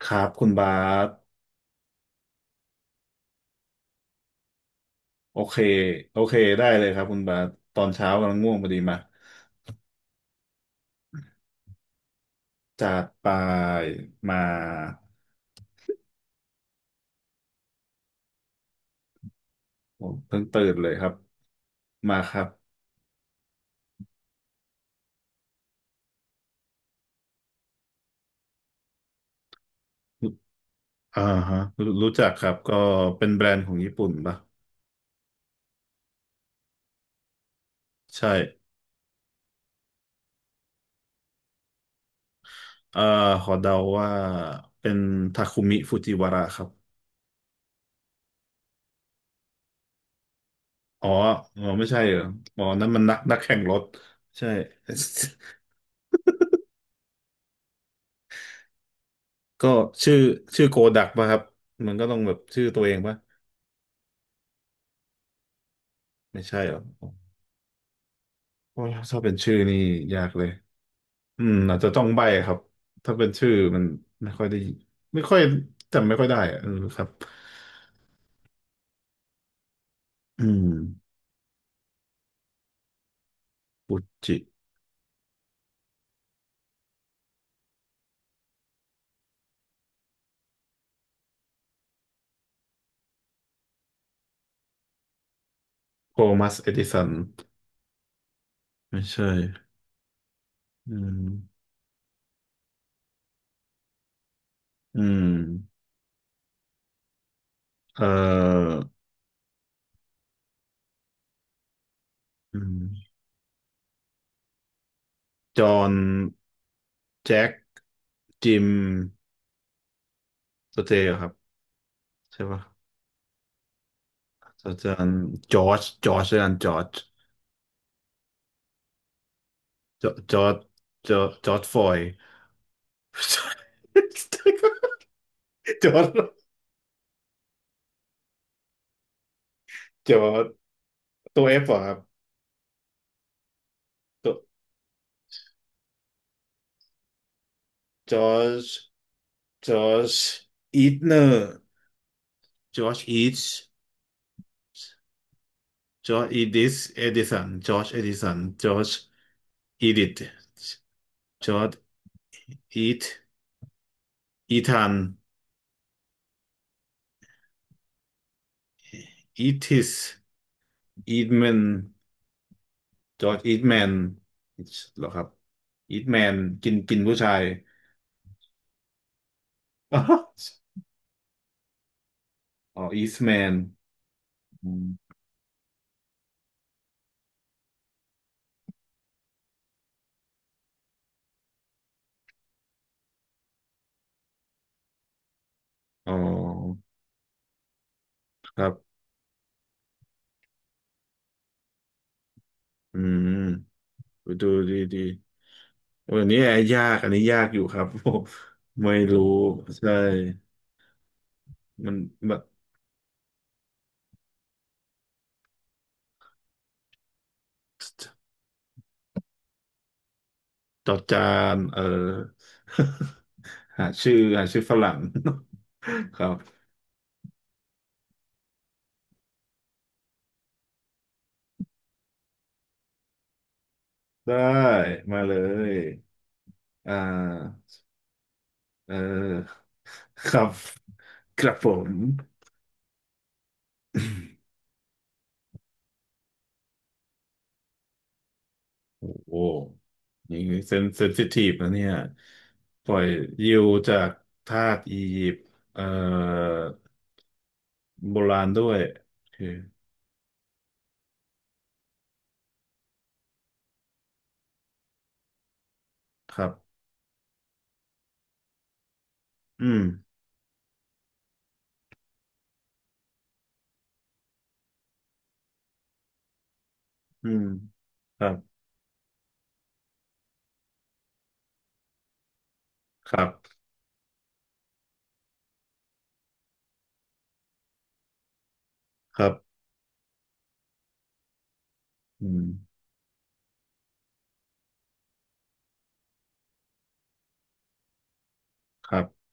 ครับคุณบาสโอเคโอเคได้เลยครับคุณบาสตอนเช้ากำลังง่วงพอดีมาจากไปมาผมเพิ่งตื่นเลยครับมาครับอ่าฮะรู้รู้จักครับก็เป็นแบรนด์ของญี่ปุ่นปะใช่เอ่อขอเดาว่าเป็นทาคุมิฟูจิวาระครับอ๋ออ๋อไม่ใช่เหรออ๋อนั่นมันนักนักแข่งรถใช่ ก็ชื่อชื่อโกดักป่ะครับมันก็ต้องแบบชื่อตัวเองป่ะไม่ใช่เหรอ โอ้ยถ้าเป็นชื่อนี่ยากเลย อืมอาจจะต้องใบ้ครับถ้าเป็นชื่อมันไม่ค่อยได้ไม่ค่อยจำไม่ค่อยได้อะเออครับอืมอุจิโทมัสเอดิสันไม่ใช่อืมอืมเอ่ออืมจอห์นแจ็คจิมสเตย์ครับใช่ปะอาจารย์จอร์จจอร์จอาจารย์จอร์จจอจอร์จจอร์จจอร์จฟลอยด์จอร์จจอร์ จ ตัวเอฟเหรอครับตัวจอร์จจอร์จอีทเนอร์จอร์จอีทจอร์จอีดิสเอดิสันจอร์จเอดิสันจอร์จอีดิทจอร์จอีทอีธานอีทิสอีทแมนจอร์จอีทแมนเหรอครับอีทแมนกินกินผู้ชาย อ๋ออ๋ออีทแมนอ๋อครับอืมดูดีดี วันนี้แอร์ยากอันนี้ยากอยู่ครับ ไม่รู้ใช่มันแบบจอจานเออ หาชื่อหาชื่อฝรั่ง ครับได้มาเลยอ่าเออ ครับครับผม โอ้โหนี่เซนเซนซิทีฟนะเนี่ยปล่อยยิวจากทาสอียิปต์เอ่อโบราณด้วยโอเคครับอืม อืมครับ ครับ ครับอืมครับ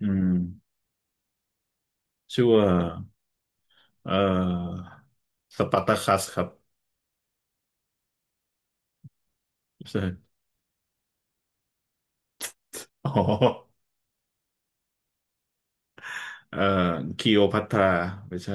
อืมชื่อว่าเอ่อสปาร์ตาคัสครับ ใช่อ๋อเอ่อคลีโอพัทราไม่ใช่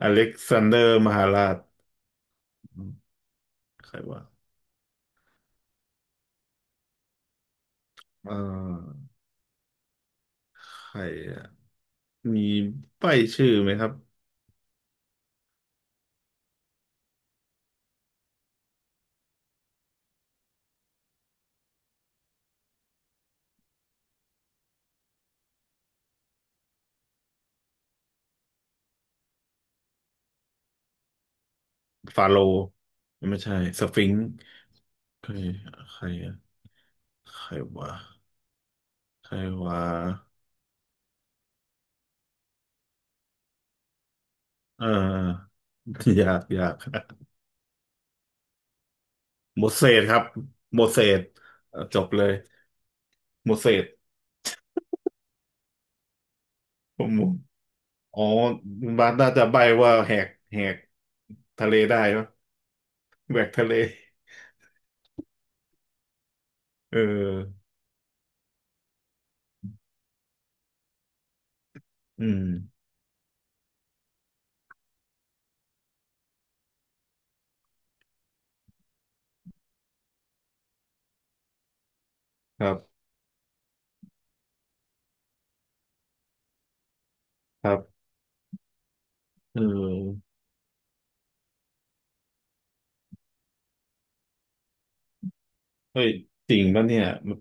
อเล็กซานเดอร์มหาราชอืมใครวะเอ่อใครอะมีป้ายชื่อไหมครับฟาโรห์ไม่ใช่สฟิงค์ใครใครอะใครวะใครวะเอ่อ ยากยาก หมดเศษครับหมดเศษจบเลยหมดเศษผมอ๋อมาสน่าจะใบว่าแหกแหกทะเลได้ปะแหวกทะเลเอออืมครับครับเออเฮ้ยจริงปะเนี่ยมัน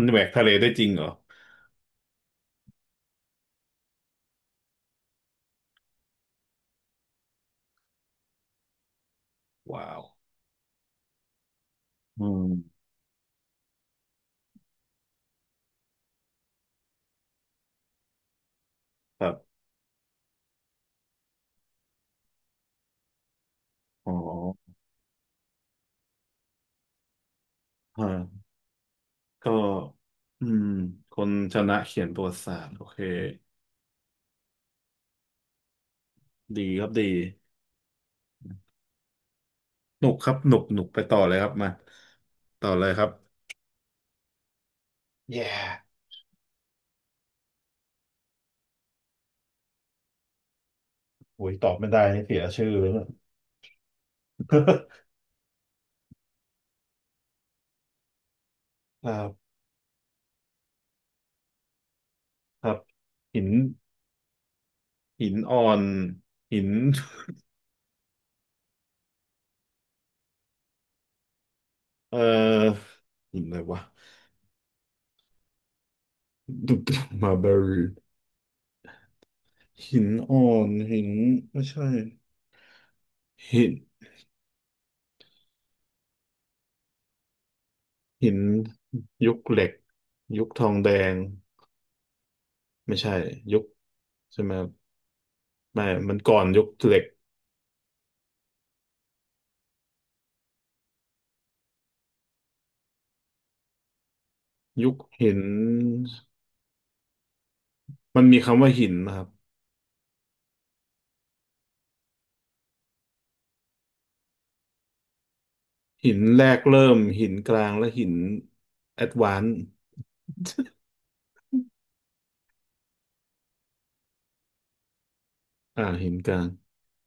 มันแหวกทะเลได้จริงเหรอว้าวอืมครับอ๋อฮะก็อืมคนชนะเขียนประวัติศาสตร์โอเคดีครับดีหนุกครับหนุกหนุกไปต่อเลยครับมาต่อเลยครับ yeah อุ้ยตอบไม่ได้นี่เสียชื่อเลยเนี่ย ครับครับหินหินอ่อนหินเอ่อหินอะไรวะดุดมาเบลหินอ่อนหินไม่ใช่หินหินยุคเหล็กยุคทองแดงไม่ใช่ยุคใช่ไหมไม่มันก่อนยุคเหล็กยุคหินมันมีคำว่าหินนะครับหินแรกเริ่มหินกลางและหินแอดวานซ์ อ่าหินกลาง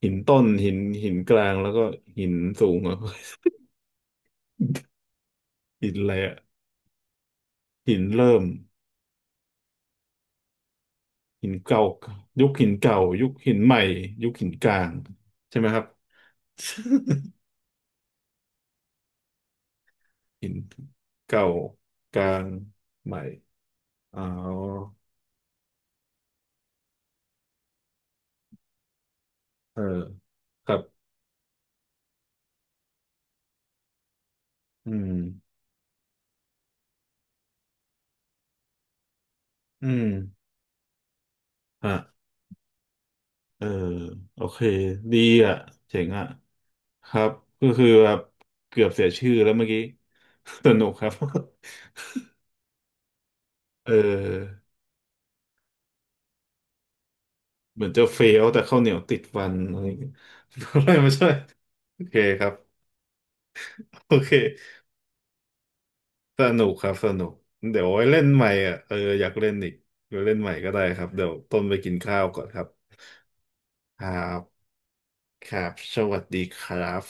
หินต้นหินหินกลางแล้วก็หินสูงอ่ะ หินอะไรอ่ะหินเริ่มหินเก่ายุคหินเก่ายุคหินใหม่ยุคหินกลางใช่ไหมครับ หินเก่ากลางใหม่อ๋อเออครับอืมอืมอ่ะเออโอเคดีอ่ะเจ๋งอ่ะครับก็คือแบบเกือบเสียชื่อแล้วเมื่อกี้ สนุกครับ เออ เหมือนจะเฟลแต่ข้าวเหนียวติดฟันอะไรอย่างเงี้ย อะไรไม่ใช่โอเคครับโอเคสนุกครับสนุกเดี๋ยวไว้เล่นใหม่อ่ะเอออยากเล่นอีกเดี๋ยวเล่นใหม่ก็ได้ครับเดี๋ยวต้นไปกินข้าวก่อนครับครับครับสวัสดีครับ